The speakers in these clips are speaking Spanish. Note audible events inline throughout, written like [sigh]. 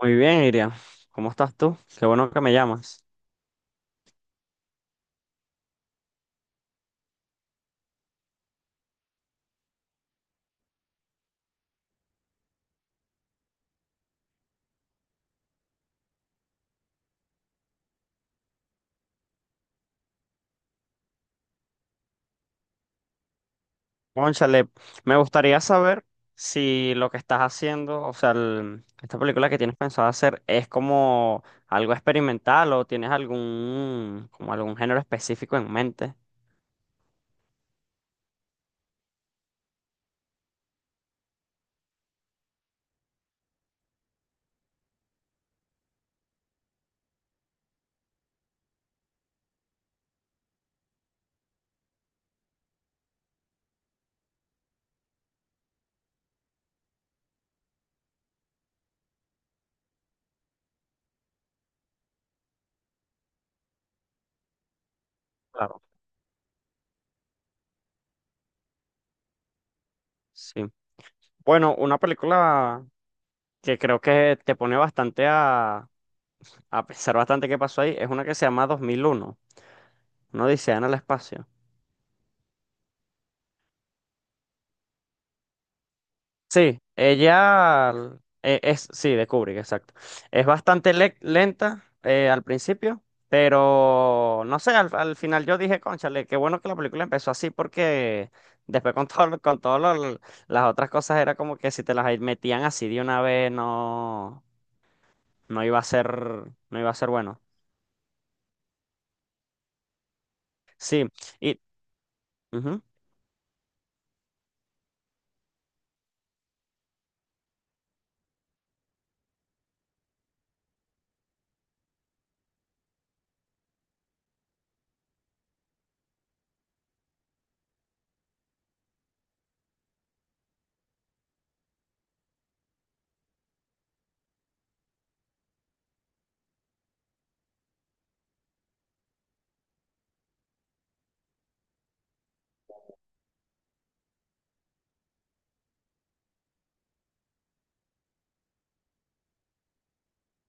Muy bien, Iria. ¿Cómo estás tú? Qué bueno que me llamas. Cónchale, me gustaría saber si lo que estás haciendo, o sea, esta película que tienes pensado hacer es como algo experimental o tienes algún, como algún género específico en mente. Claro. Sí. Bueno, una película que creo que te pone a pensar bastante qué pasó ahí es una que se llama 2001, una odisea en el espacio. Sí, ella es, sí, de Kubrick, exacto. Es bastante lenta al principio, pero no sé, al final yo dije, cónchale, qué bueno que la película empezó así porque después con todo, con todas las otras cosas era como que si te las metían así de una vez, no, no iba a ser, no iba a ser bueno. Sí, y ujú.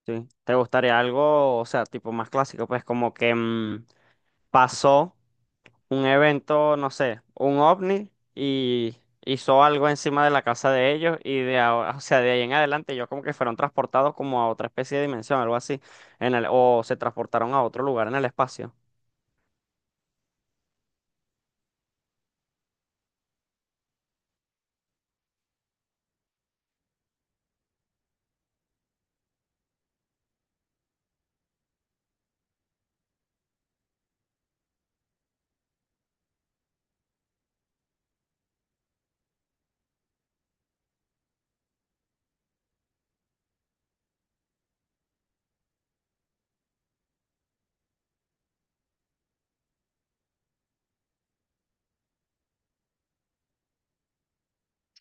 Sí. ¿Te gustaría algo, o sea, tipo más clásico? Pues como que pasó un evento, no sé, un ovni, y hizo algo encima de la casa de ellos y de, o sea, de ahí en adelante ellos como que fueron transportados como a otra especie de dimensión, algo así, en el, o se transportaron a otro lugar en el espacio.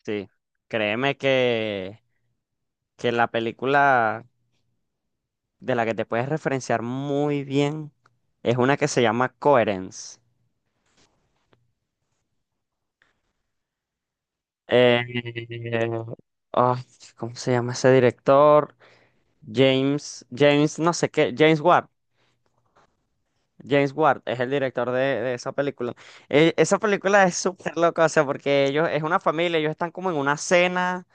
Sí, créeme que la película de la que te puedes referenciar muy bien es una que se llama Coherence. Eh, ay, ¿Cómo se llama ese director? James, no sé qué, James Ward. James Ward es el director de esa película. Esa película es súper loca, o sea, porque ellos, es una familia, ellos están como en una cena,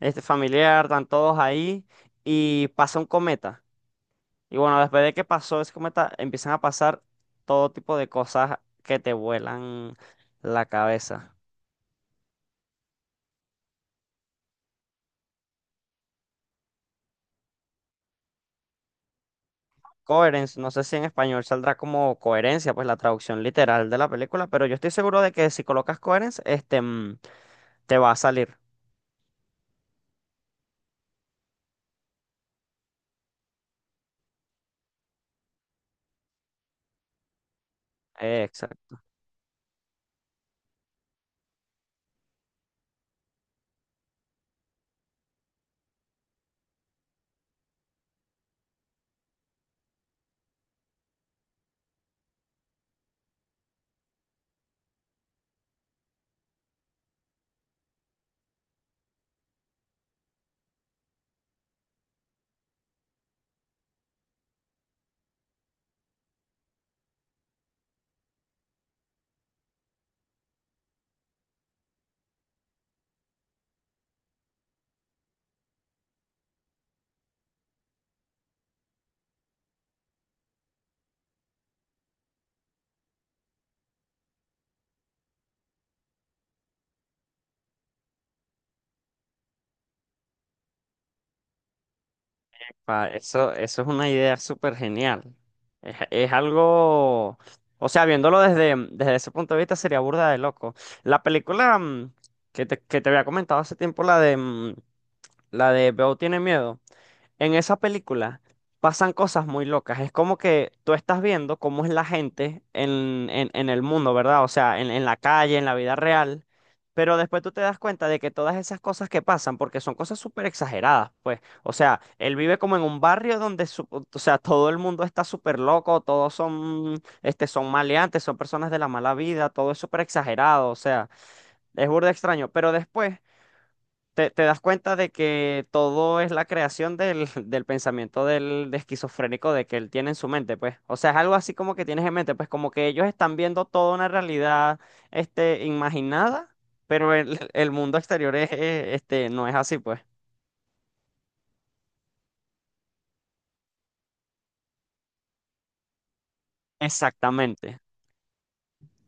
este, familiar, están todos ahí y pasa un cometa. Y bueno, después de que pasó ese cometa, empiezan a pasar todo tipo de cosas que te vuelan la cabeza. Coherence, no sé si en español saldrá como coherencia, pues la traducción literal de la película, pero yo estoy seguro de que si colocas coherence, este, te va a salir. Exacto. Eso, eso es una idea súper genial. Es algo, o sea, viéndolo desde, desde ese punto de vista sería burda de loco. La película que te había comentado hace tiempo, la de, la de Beo tiene miedo. En esa película pasan cosas muy locas. Es como que tú estás viendo cómo es la gente en el mundo, ¿verdad? O sea, en la calle, en la vida real. Pero después tú te das cuenta de que todas esas cosas que pasan, porque son cosas súper exageradas, pues. O sea, él vive como en un barrio donde, o sea, todo el mundo está súper loco, todos son, este, son maleantes, son personas de la mala vida, todo es súper exagerado, o sea, es burda extraño. Pero después te das cuenta de que todo es la creación del, [laughs] del pensamiento del de esquizofrénico de que él tiene en su mente, pues. O sea, es algo así como que tienes en mente, pues como que ellos están viendo toda una realidad, este, imaginada, pero el, [laughs] el mundo exterior es, este, no es así, pues. Exactamente,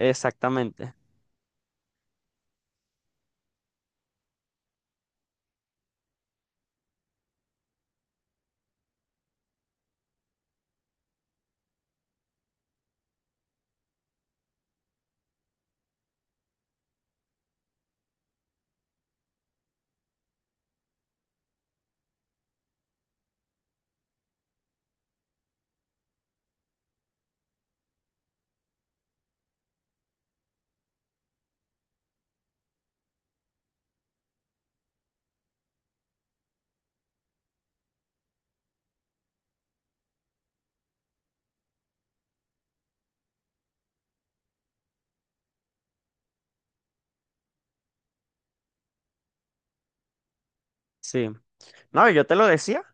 exactamente, sí. No, yo te lo decía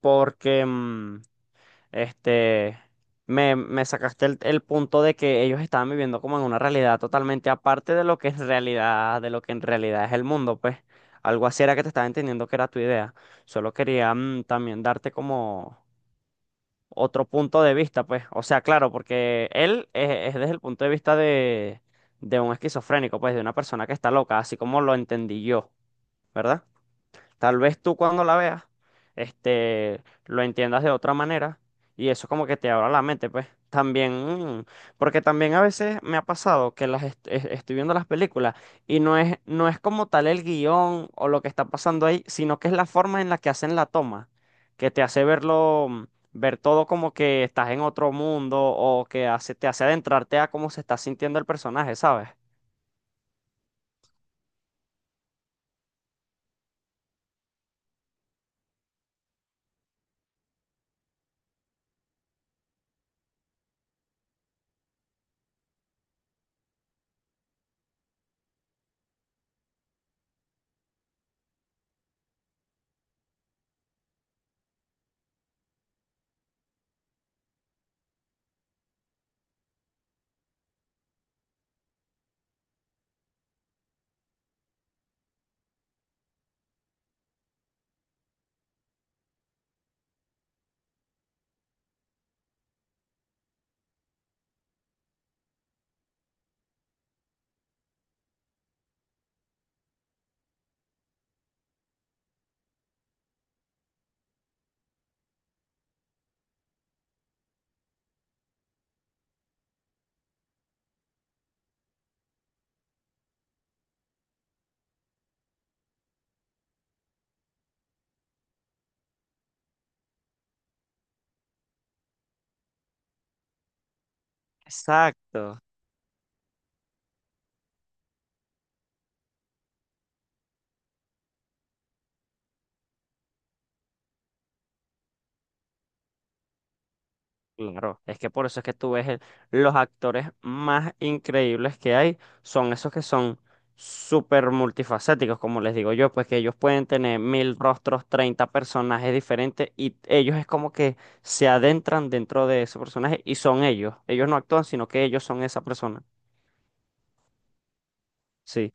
porque, Este, me sacaste el punto de que ellos estaban viviendo como en una realidad totalmente aparte de lo que en realidad, de lo que en realidad es el mundo, pues. Algo así era que te estaba entendiendo que era tu idea. Solo quería también darte como otro punto de vista, pues. O sea, claro, porque él es desde el punto de vista de un esquizofrénico, pues, de una persona que está loca, así como lo entendí yo, ¿verdad? Tal vez tú cuando la veas, este, lo entiendas de otra manera y eso como que te abra la mente, pues. También, mm, porque también a veces me ha pasado que estoy viendo las películas y no es, no es como tal el guión o lo que está pasando ahí, sino que es la forma en la que hacen la toma, que te hace verlo, ver todo como que estás en otro mundo o que hace, te hace adentrarte a cómo se está sintiendo el personaje, ¿sabes? Exacto. Claro, es que por eso es que tú ves los actores más increíbles que hay son esos que son súper multifacéticos, como les digo yo, pues que ellos pueden tener mil rostros, 30 personajes diferentes y ellos es como que se adentran dentro de ese personaje y son ellos. Ellos no actúan, sino que ellos son esa persona. Sí.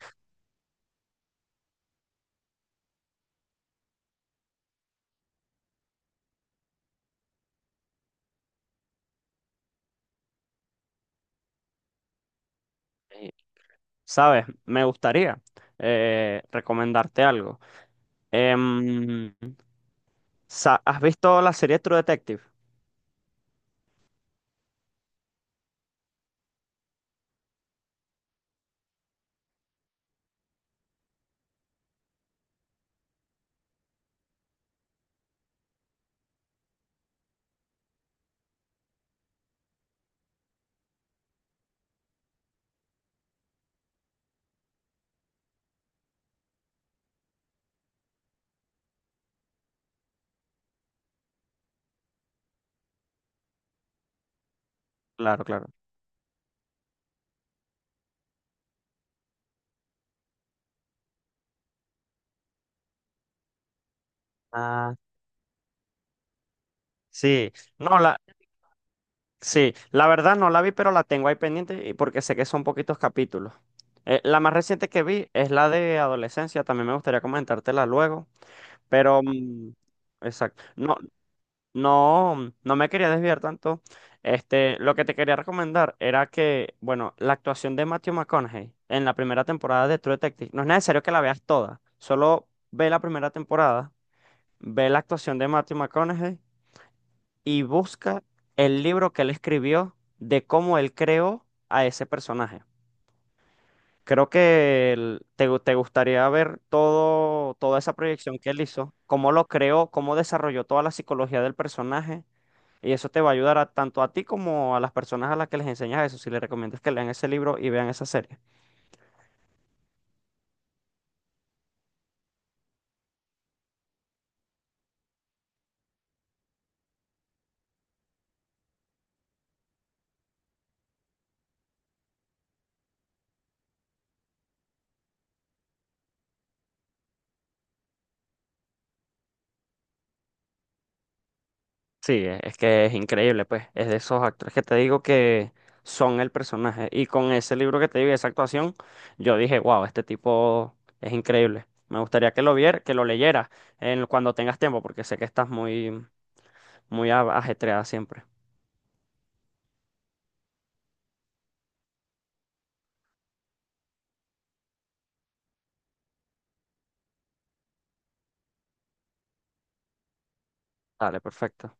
Eh, ¿Sabes? Me gustaría recomendarte algo. Em, ¿Has visto la serie True Detective? Claro, claro. Ah, sí. No, la, sí, la verdad no la vi, pero la tengo ahí pendiente y porque sé que son poquitos capítulos. La más reciente que vi es la de adolescencia, también me gustaría comentártela luego, pero exacto. No, no, no me quería desviar tanto. Este, lo que te quería recomendar era que, bueno, la actuación de Matthew McConaughey en la primera temporada de True Detective, no es necesario que la veas toda, solo ve la primera temporada, ve la actuación de Matthew McConaughey y busca el libro que él escribió de cómo él creó a ese personaje. Creo que te gustaría ver todo, toda esa proyección que él hizo, cómo lo creó, cómo desarrolló toda la psicología del personaje. Y eso te va a ayudar tanto a ti como a las personas a las que les enseñas eso, si les recomiendas que lean ese libro y vean esa serie. Sí, es que es increíble, pues. Es de esos actores que te digo que son el personaje. Y con ese libro que te digo, y esa actuación, yo dije, wow, este tipo es increíble. Me gustaría que que lo leyeras en, cuando tengas tiempo, porque sé que estás muy, ajetreada siempre. Dale, perfecto.